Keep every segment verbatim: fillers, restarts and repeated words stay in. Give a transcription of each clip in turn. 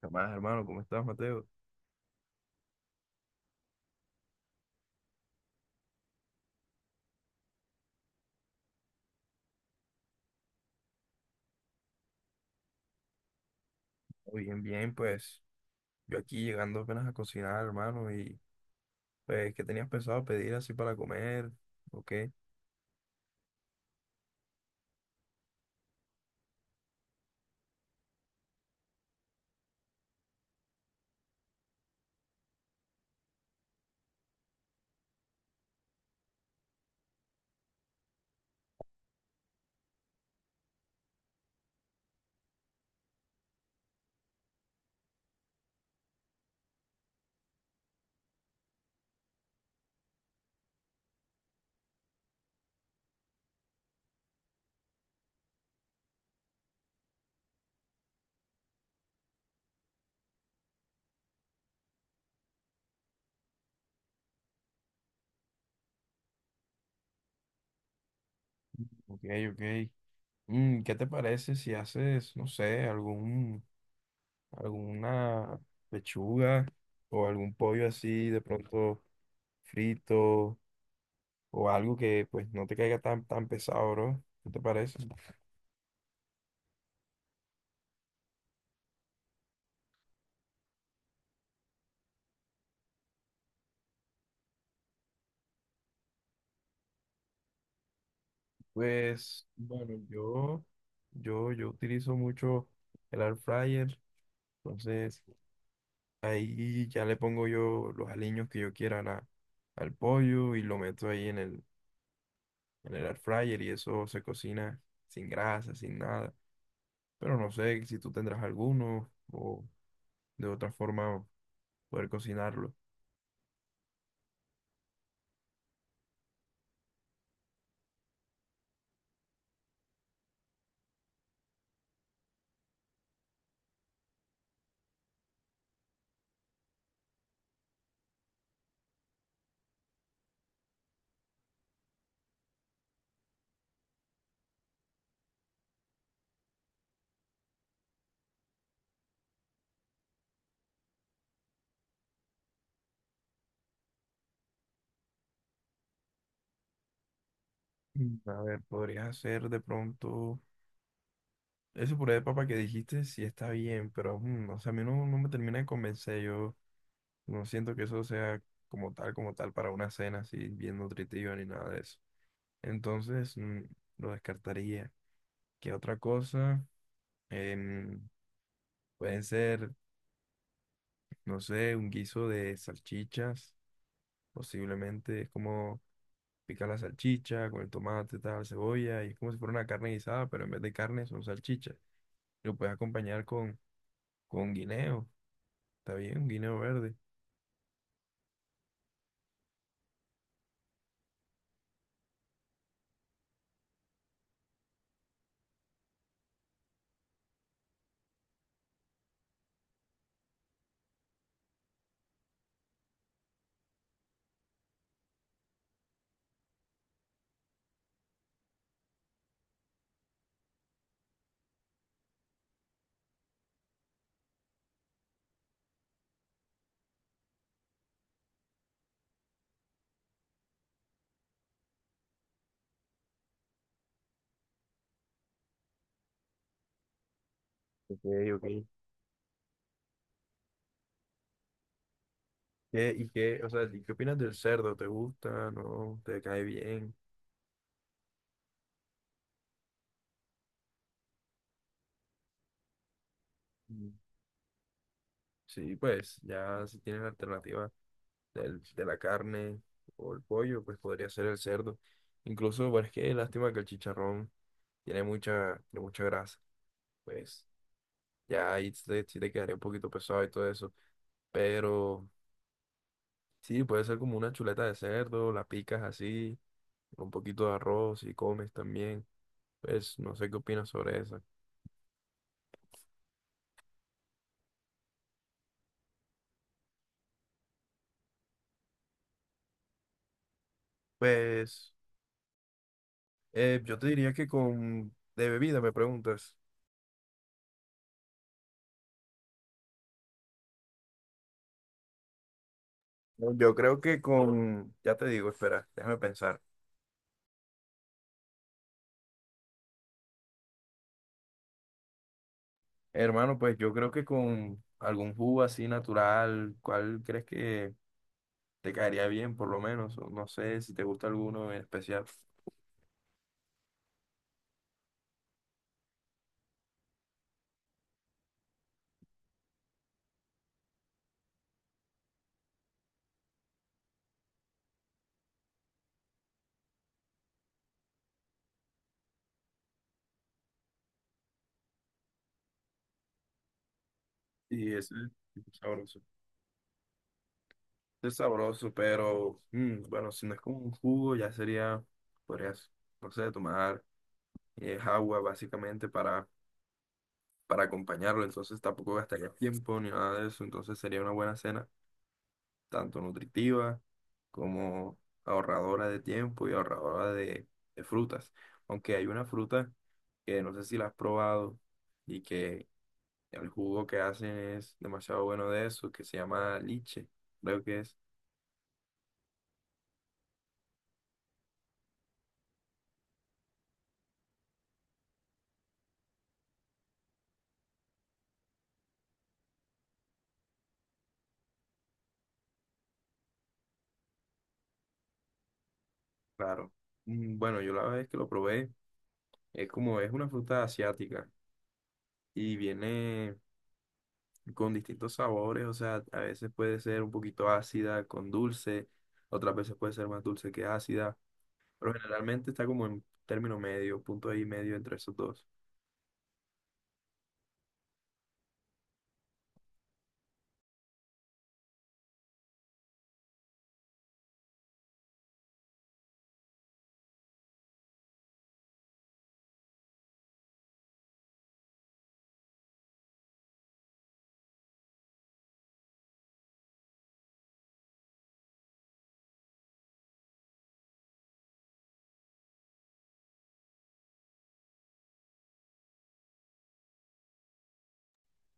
¿Qué más, hermano? ¿Cómo estás, Mateo? Oh, bien, bien, pues yo aquí llegando apenas a cocinar, hermano, y pues, ¿qué tenías pensado pedir así para comer? ¿O qué? Ok, ok. Mm, ¿qué te parece si haces, no sé, algún, alguna pechuga o algún pollo así de pronto frito o algo que pues no te caiga tan, tan pesado, bro? ¿Qué te parece? Pues, bueno, yo, yo, yo utilizo mucho el air fryer, entonces... Ahí ya le pongo yo los aliños que yo quiera a la- al pollo y lo meto ahí en el, en el air fryer y eso se cocina sin grasa, sin nada. Pero no sé si tú tendrás alguno o de otra forma poder cocinarlo. Mm. A ver, podrías hacer de pronto ese puré de papa que dijiste, sí está bien, pero mm, o sea, a mí no, no me termina de convencer. Yo no siento que eso sea como tal, como tal para una cena así bien nutritiva ni nada de eso. Entonces, mm, lo descartaría. ¿Qué otra cosa? Em, Pueden ser, no sé, un guiso de salchichas, posiblemente. Es como picar la salchicha con el tomate, tal, cebolla, y es como si fuera una carne guisada, pero en vez de carne son salchichas. Lo puedes acompañar con, con guineo, está bien, un guineo verde. Ok, ok. ¿Qué, y qué, o sea, ¿y qué opinas del cerdo? ¿Te gusta? ¿No? ¿Te cae bien? Mm. Sí, pues ya si tienes alternativas del- de la carne o el pollo, pues podría ser el cerdo. Incluso, bueno, es que lástima que el chicharrón tiene mucha, tiene mucha grasa. Pues ya ahí sí te, sí te quedaría un poquito pesado y todo eso. Pero sí, puede ser como una chuleta de cerdo, la picas así, con un poquito de arroz y comes también. Pues no sé qué opinas sobre esa. Pues eh, yo te diría que con... De bebida me preguntas. No, yo creo que con... Ya te digo, espera, déjame pensar. Hermano, pues yo creo que con algún jugo así natural, ¿cuál crees que te caería bien, por lo menos? O no sé si te gusta alguno en especial. Y ese es sabroso. Es sabroso, pero mm, bueno, si no es como un jugo, ya sería, podrías, no sé, tomar eh, agua básicamente para, para acompañarlo. Entonces tampoco gastaría tiempo ni nada de eso. Entonces sería una buena cena, tanto nutritiva como ahorradora de tiempo y ahorradora de, de frutas. Aunque hay una fruta que no sé si la has probado y que el jugo que hacen es demasiado bueno de eso, que se llama liche, creo que es, claro. Mm, bueno, yo la vez que lo probé, es como es una fruta asiática y viene con distintos sabores, o sea, a veces puede ser un poquito ácida con dulce, otras veces puede ser más dulce que ácida, pero generalmente está como en término medio, punto ahí medio entre esos dos.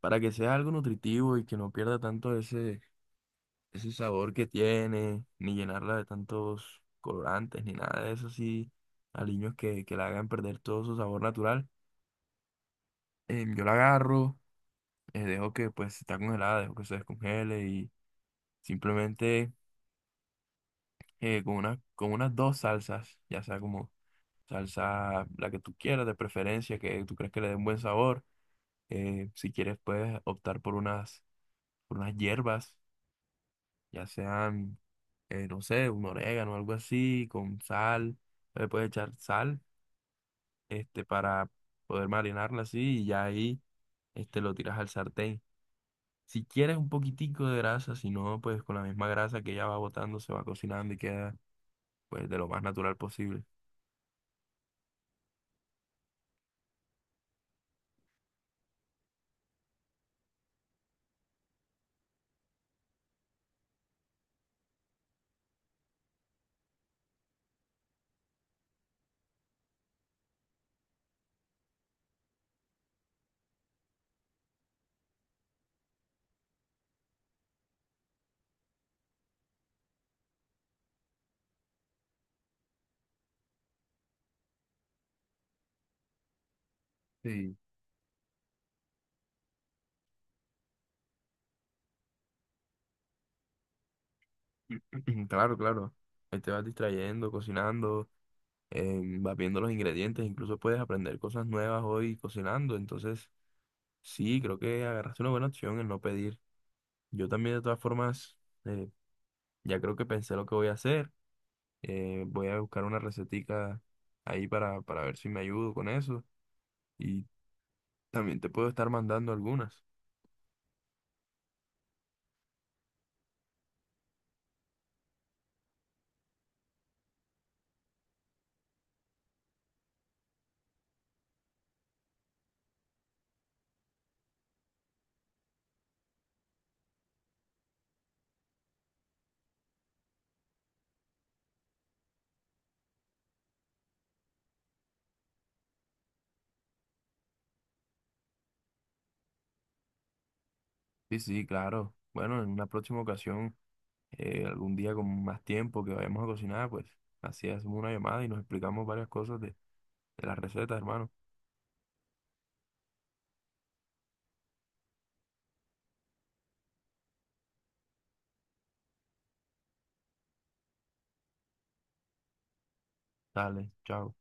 Para que sea algo nutritivo y que no pierda tanto ese, ese sabor que tiene, ni llenarla de tantos colorantes, ni nada de eso, así, aliños que, que la hagan perder todo su sabor natural. Eh, yo la agarro, eh, dejo que pues si está congelada, dejo que se descongele y simplemente eh, con una, con unas dos salsas, ya sea como salsa la que tú quieras de preferencia, que tú crees que le dé un buen sabor. Eh, si quieres, puedes optar por unas, por unas hierbas, ya sean, eh, no sé, un orégano o algo así, con sal. Le puedes echar sal, este, para poder marinarla así y ya ahí, este, lo tiras al sartén. Si quieres un poquitico de grasa, si no, pues con la misma grasa que ya va botando, se va cocinando y queda, pues, de lo más natural posible. Sí. Claro, claro. Ahí te vas distrayendo, cocinando, eh, vas viendo los ingredientes, incluso puedes aprender cosas nuevas hoy cocinando, entonces sí, creo que agarraste una buena opción en no pedir. Yo también de todas formas, eh, ya creo que pensé lo que voy a hacer, eh, voy a buscar una recetica ahí para, para ver si me ayudo con eso y también te puedo estar mandando algunas. Sí, sí, claro. Bueno, en una próxima ocasión, eh, algún día con más tiempo que vayamos a cocinar, pues así hacemos una llamada y nos explicamos varias cosas de, de las recetas, hermano. Dale, chao.